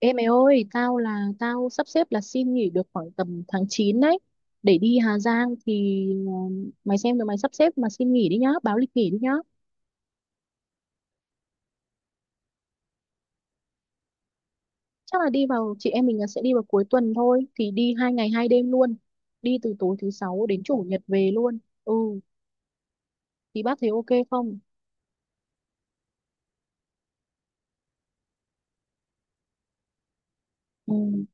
Ê mày ơi, tao sắp xếp là xin nghỉ được khoảng tầm tháng 9 đấy để đi Hà Giang thì mày xem rồi mày sắp xếp mà xin nghỉ đi nhá, báo lịch nghỉ đi nhá. Chắc là đi vào chị em mình là sẽ đi vào cuối tuần thôi thì đi 2 ngày 2 đêm luôn. Đi từ tối thứ sáu đến chủ nhật về luôn. Ừ, thì bác thấy ok không? Ừ,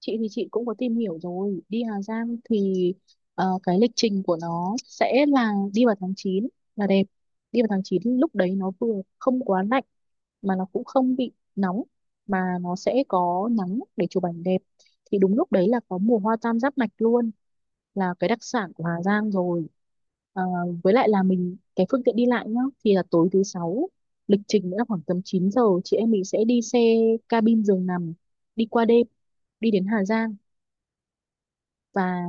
chị thì chị cũng có tìm hiểu rồi, đi Hà Giang thì cái lịch trình của nó sẽ là đi vào tháng 9 là đẹp. Đi vào tháng 9 lúc đấy nó vừa không quá lạnh mà nó cũng không bị nóng mà nó sẽ có nắng để chụp ảnh đẹp thì đúng lúc đấy là có mùa hoa tam giác mạch luôn là cái đặc sản của Hà Giang rồi. À, với lại là mình cái phương tiện đi lại nhá thì là tối thứ sáu, lịch trình nữa là khoảng tầm 9 giờ chị em mình sẽ đi xe cabin giường nằm đi qua đêm đi đến Hà Giang. Và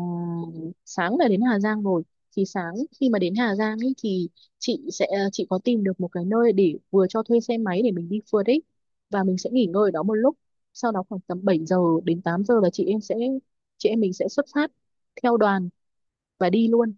sáng là đến Hà Giang rồi thì sáng khi mà đến Hà Giang ý, thì chị có tìm được một cái nơi để vừa cho thuê xe máy để mình đi phượt ấy và mình sẽ nghỉ ngơi ở đó một lúc. Sau đó khoảng tầm 7 giờ đến 8 giờ là chị em mình sẽ xuất phát theo đoàn và đi luôn.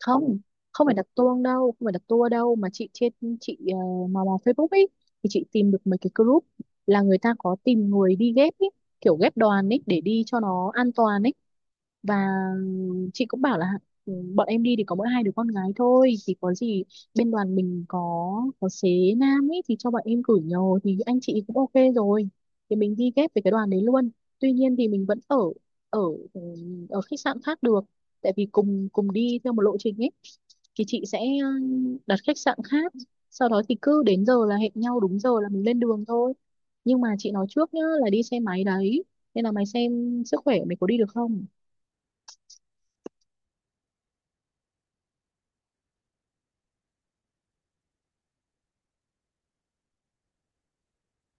Không, không phải đặt tour đâu không phải đặt tour đâu mà chị trên chị mò mò Facebook ấy thì chị tìm được mấy cái group là người ta có tìm người đi ghép ấy kiểu ghép đoàn ấy để đi cho nó an toàn ấy. Và chị cũng bảo là "Ừ, bọn em đi thì có mỗi hai đứa con gái thôi thì có gì, bên đoàn mình có xế nam ấy thì cho bọn em gửi nhờ". Thì anh chị cũng ok rồi thì mình đi ghép với cái đoàn đấy luôn. Tuy nhiên thì mình vẫn ở ở ừ, ở khách sạn khác được tại vì cùng cùng đi theo một lộ trình ấy thì chị sẽ đặt khách sạn khác. Sau đó thì cứ đến giờ là hẹn nhau đúng giờ là mình lên đường thôi. Nhưng mà chị nói trước nhá là đi xe máy đấy nên là mày xem sức khỏe mày có đi được không.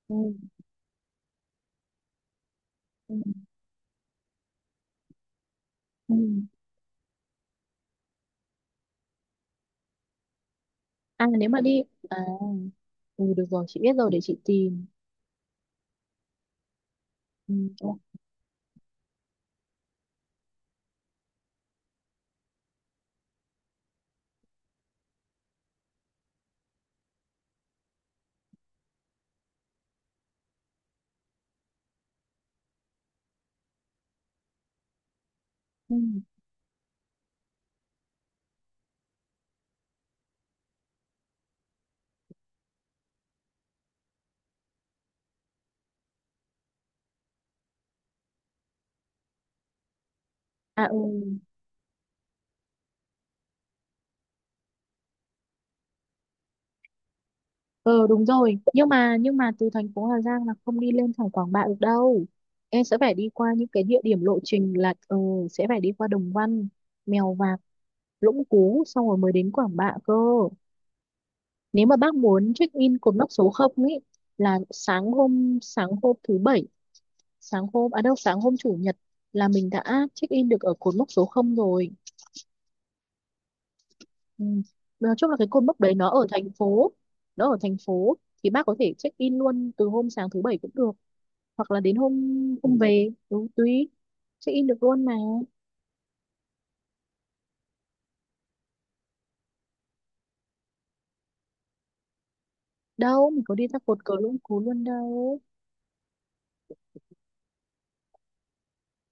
Ừ. Ừ. Ừ. À nếu mà đi à ừ, được rồi chị biết rồi để chị tìm. Ừ. Ừ. À ừ. Ờ đúng rồi nhưng mà từ thành phố Hà Giang là không đi lên thẳng Quảng Bạ được đâu, em sẽ phải đi qua những cái địa điểm lộ trình là sẽ phải đi qua Đồng Văn, Mèo Vạc, Lũng Cú xong rồi mới đến Quảng Bạ cơ, nếu mà bác muốn check in cột mốc số không ấy là sáng hôm thứ bảy, sáng hôm à đâu, sáng hôm chủ nhật là mình đã check in được ở cột mốc số không rồi. Ừ. Nói chung là cái cột mốc đấy nó ở thành phố thì bác có thể check in luôn từ hôm sáng thứ bảy cũng được hoặc là đến hôm hôm về, ừ, tùy, check in được luôn mà. Đâu mình có đi ra cột cờ Lũng Cú luôn đâu.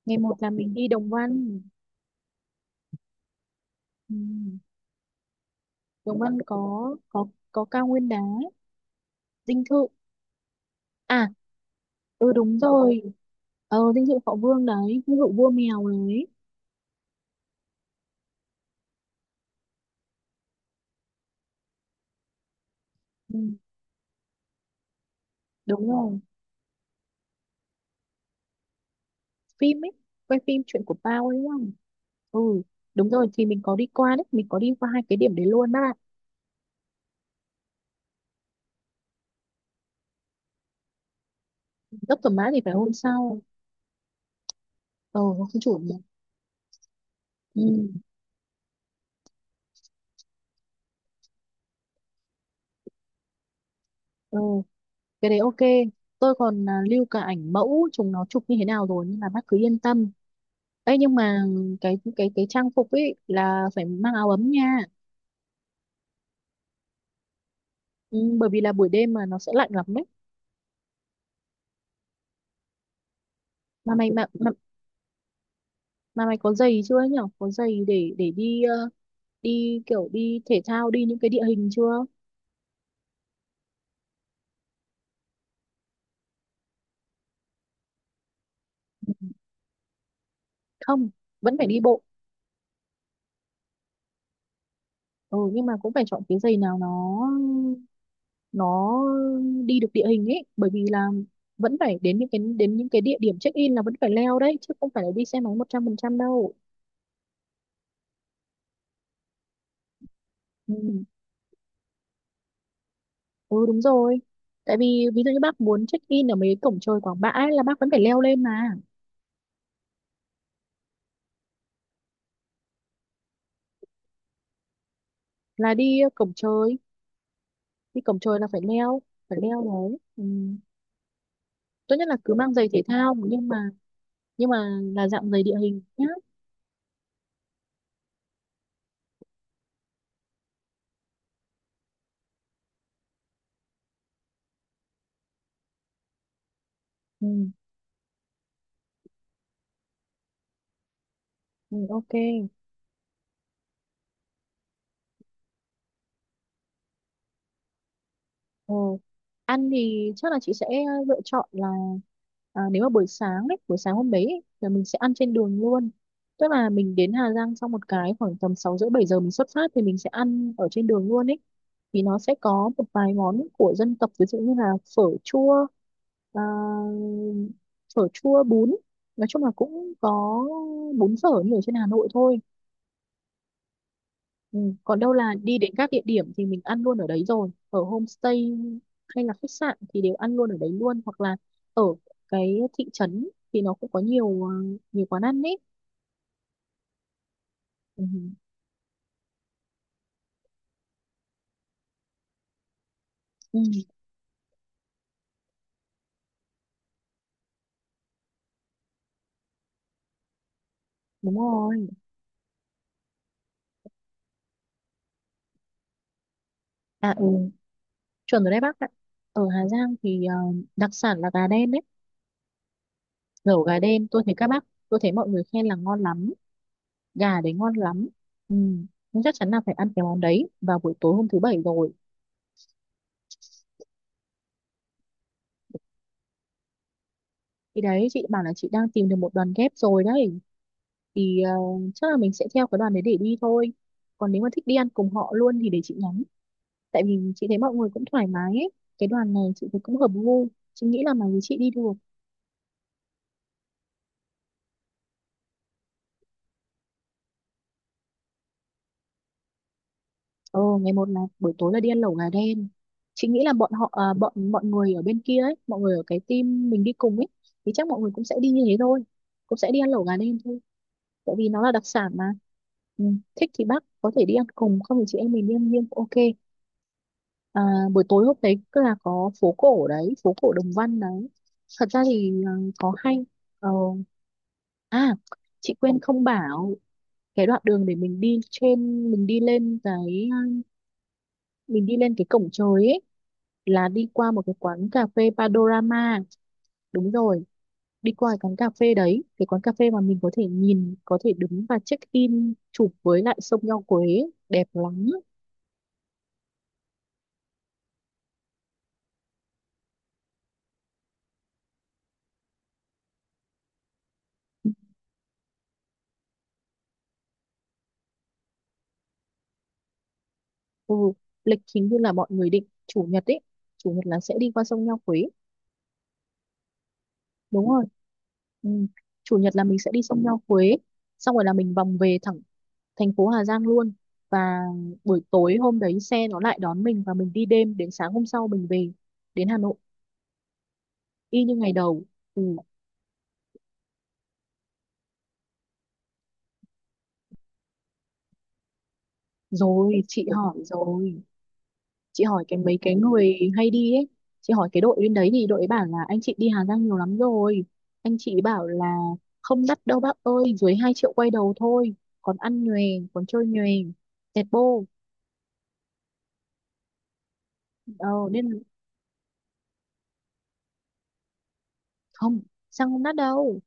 Ngày 1 là mình đi Đồng Văn. Ừ. Đồng Văn có cao nguyên đá, dinh thự. À ừ đúng rồi, ờ dinh thự Họ Vương đấy, dinh thự vua mèo đấy. Ừ, đúng rồi. Phim ấy, quay phim chuyện của Bao ấy đúng không? Ừ đúng rồi thì mình có đi qua đấy, mình có đi qua hai cái điểm đấy luôn á. Dốc Thẩm Mã thì phải hôm sau, ờ, hôm chủ nhật. Ừ. Ờ cái đấy ok. Tôi còn lưu cả ảnh mẫu chúng nó chụp như thế nào rồi nhưng mà bác cứ yên tâm, ấy nhưng mà cái trang phục ấy là phải mang áo ấm nha. Ừ, bởi vì là buổi đêm mà nó sẽ lạnh lắm đấy. Mà mày mà, mà, mà mày có giày chưa nhỉ, có giày để đi, đi kiểu đi thể thao đi những cái địa hình chưa? Không, vẫn phải đi bộ. Ừ nhưng mà cũng phải chọn cái giày nào nó đi được địa hình ấy bởi vì là vẫn phải đến những cái địa điểm check in là vẫn phải leo đấy chứ không phải là đi xe máy 100% đâu. Ừ. Ừ đúng rồi tại vì ví dụ như bác muốn check in ở mấy cái cổng trời Quảng Bạ ấy, là bác vẫn phải leo lên mà, là đi cổng trời, đi cổng trời là phải leo, phải leo đấy ừ. Tốt nhất là cứ mang giày thể thao nhưng mà nhưng mà là dạng giày địa hình nhá. Ừ. Ừ, ok. Ừ. Ăn thì chắc là chị sẽ lựa chọn là nếu mà buổi sáng ấy, buổi sáng hôm đấy ấy, là mình sẽ ăn trên đường luôn. Tức là mình đến Hà Giang xong một cái khoảng tầm 6 rưỡi 7 giờ mình xuất phát thì mình sẽ ăn ở trên đường luôn ấy. Thì nó sẽ có một vài món của dân tộc ví dụ như là phở chua, à, phở chua bún. Nói chung là cũng có bún phở như ở trên Hà Nội thôi. Ừ. Còn đâu là đi đến các địa điểm thì mình ăn luôn ở đấy rồi ở homestay hay là khách sạn thì đều ăn luôn ở đấy luôn hoặc là ở cái thị trấn thì nó cũng có nhiều nhiều quán ăn đấy. Ừ. Ừ. Đúng rồi. À ừ chuẩn rồi đấy bác ạ, ở Hà Giang thì đặc sản là gà đen đấy. Lẩu gà đen, tôi thấy mọi người khen là ngon lắm, gà đấy ngon lắm. Ừ. Nhưng chắc chắn là phải ăn cái món đấy vào buổi tối hôm thứ bảy rồi. Thì đấy chị bảo là chị đang tìm được một đoàn ghép rồi đấy thì chắc là mình sẽ theo cái đoàn đấy để đi thôi. Còn nếu mà thích đi ăn cùng họ luôn thì để chị nhắn, tại vì chị thấy mọi người cũng thoải mái ấy. Cái đoàn này chị thấy cũng hợp gu, chị nghĩ là mà với chị đi được. Ờ ngày 1 là buổi tối là đi ăn lẩu gà đen, chị nghĩ là bọn mọi người ở bên kia ấy, mọi người ở cái team mình đi cùng ấy thì chắc mọi người cũng sẽ đi như thế thôi, cũng sẽ đi ăn lẩu gà đen thôi tại vì nó là đặc sản mà. Ừ. Thích thì bác có thể đi ăn cùng, không thì chị em mình đi ăn riêng cũng ok. À, buổi tối hôm đấy cứ là có phố cổ đấy, phố cổ Đồng Văn đấy. Thật ra thì có hay. Ờ, à, chị quên không bảo cái đoạn đường để mình đi trên, mình đi lên cái, mình đi lên cái cổng trời ấy là đi qua một cái quán cà phê Panorama. Đúng rồi, đi qua cái quán cà phê đấy, cái quán cà phê mà mình có thể nhìn, có thể đứng và check in chụp với lại sông Nho Quế, đẹp lắm. Ừ, lịch hình như là mọi người định chủ nhật ấy. Chủ nhật là sẽ đi qua sông Nho Quế. Đúng rồi. Ừ. Chủ nhật là mình sẽ đi sông Nho Quế. Xong rồi là mình vòng về thẳng thành phố Hà Giang luôn. Và buổi tối hôm đấy xe nó lại đón mình và mình đi đêm đến sáng hôm sau mình về đến Hà Nội. Y như ngày đầu. Ừ. Rồi, chị hỏi rồi. Chị hỏi cái mấy cái người hay đi ấy Chị hỏi cái đội bên đấy thì đội ấy bảo là anh chị đi Hà Giang nhiều lắm rồi, anh chị bảo là không đắt đâu bác ơi, dưới 2 triệu quay đầu thôi, còn ăn nhòe, còn chơi nhòe, tẹt bô. Ờ, nên không, xăng không đắt đâu,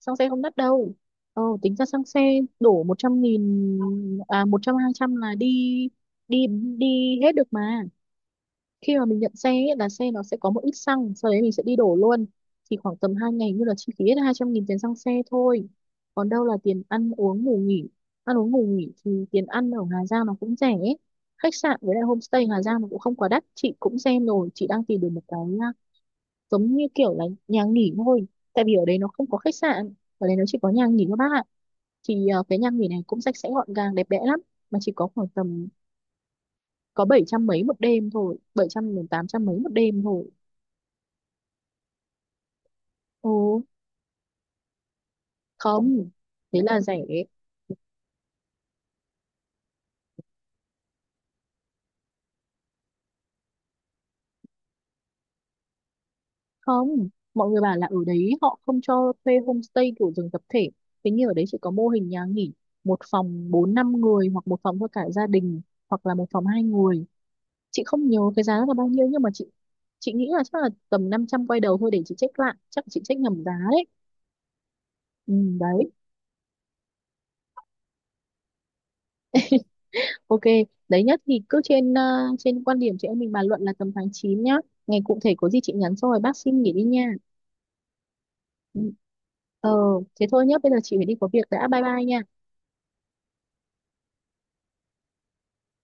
xăng xe không đắt đâu. Ờ, tính ra xăng xe đổ 100.000, à, một trăm hai trăm là đi đi đi hết được mà. Khi mà mình nhận xe ấy, là xe nó sẽ có một ít xăng sau đấy mình sẽ đi đổ luôn, thì khoảng tầm 2 ngày như là chi phí hết 200.000 tiền xăng xe thôi. Còn đâu là tiền ăn uống ngủ nghỉ, ăn uống ngủ nghỉ thì tiền ăn ở Hà Giang nó cũng rẻ ấy. Khách sạn với lại homestay Hà Giang nó cũng không quá đắt, chị cũng xem rồi, chị đang tìm được một cái giống như kiểu là nhà nghỉ thôi, tại vì ở đấy nó không có khách sạn, ở đấy nó chỉ có nhà nghỉ thôi bác ạ. Thì cái nhà nghỉ này cũng sạch sẽ gọn gàng đẹp đẽ lắm mà chỉ có khoảng tầm có 700 mấy một đêm thôi, 700 đến 800 mấy một đêm thôi. Ừ, không, thế là rẻ. Không, mọi người bảo là ở đấy họ không cho thuê homestay kiểu giường tập thể. Thế nhưng ở đấy chỉ có mô hình nhà nghỉ, một phòng bốn năm người hoặc một phòng cho cả gia đình hoặc là một phòng hai người. Chị không nhớ cái giá là bao nhiêu nhưng mà chị nghĩ là chắc là tầm 500 quay đầu thôi để chị check lại. Chắc chị check nhầm giá đấy. Ừ, đấy, ok. Đấy nhất thì cứ trên trên quan điểm chị em mình bàn luận là tầm tháng 9 nhá. Ngày cụ thể có gì chị nhắn sau rồi bác xin nghỉ đi nha. Ừ. Ờ, thế thôi nhé, bây giờ chị phải đi có việc đã, bye bye nha.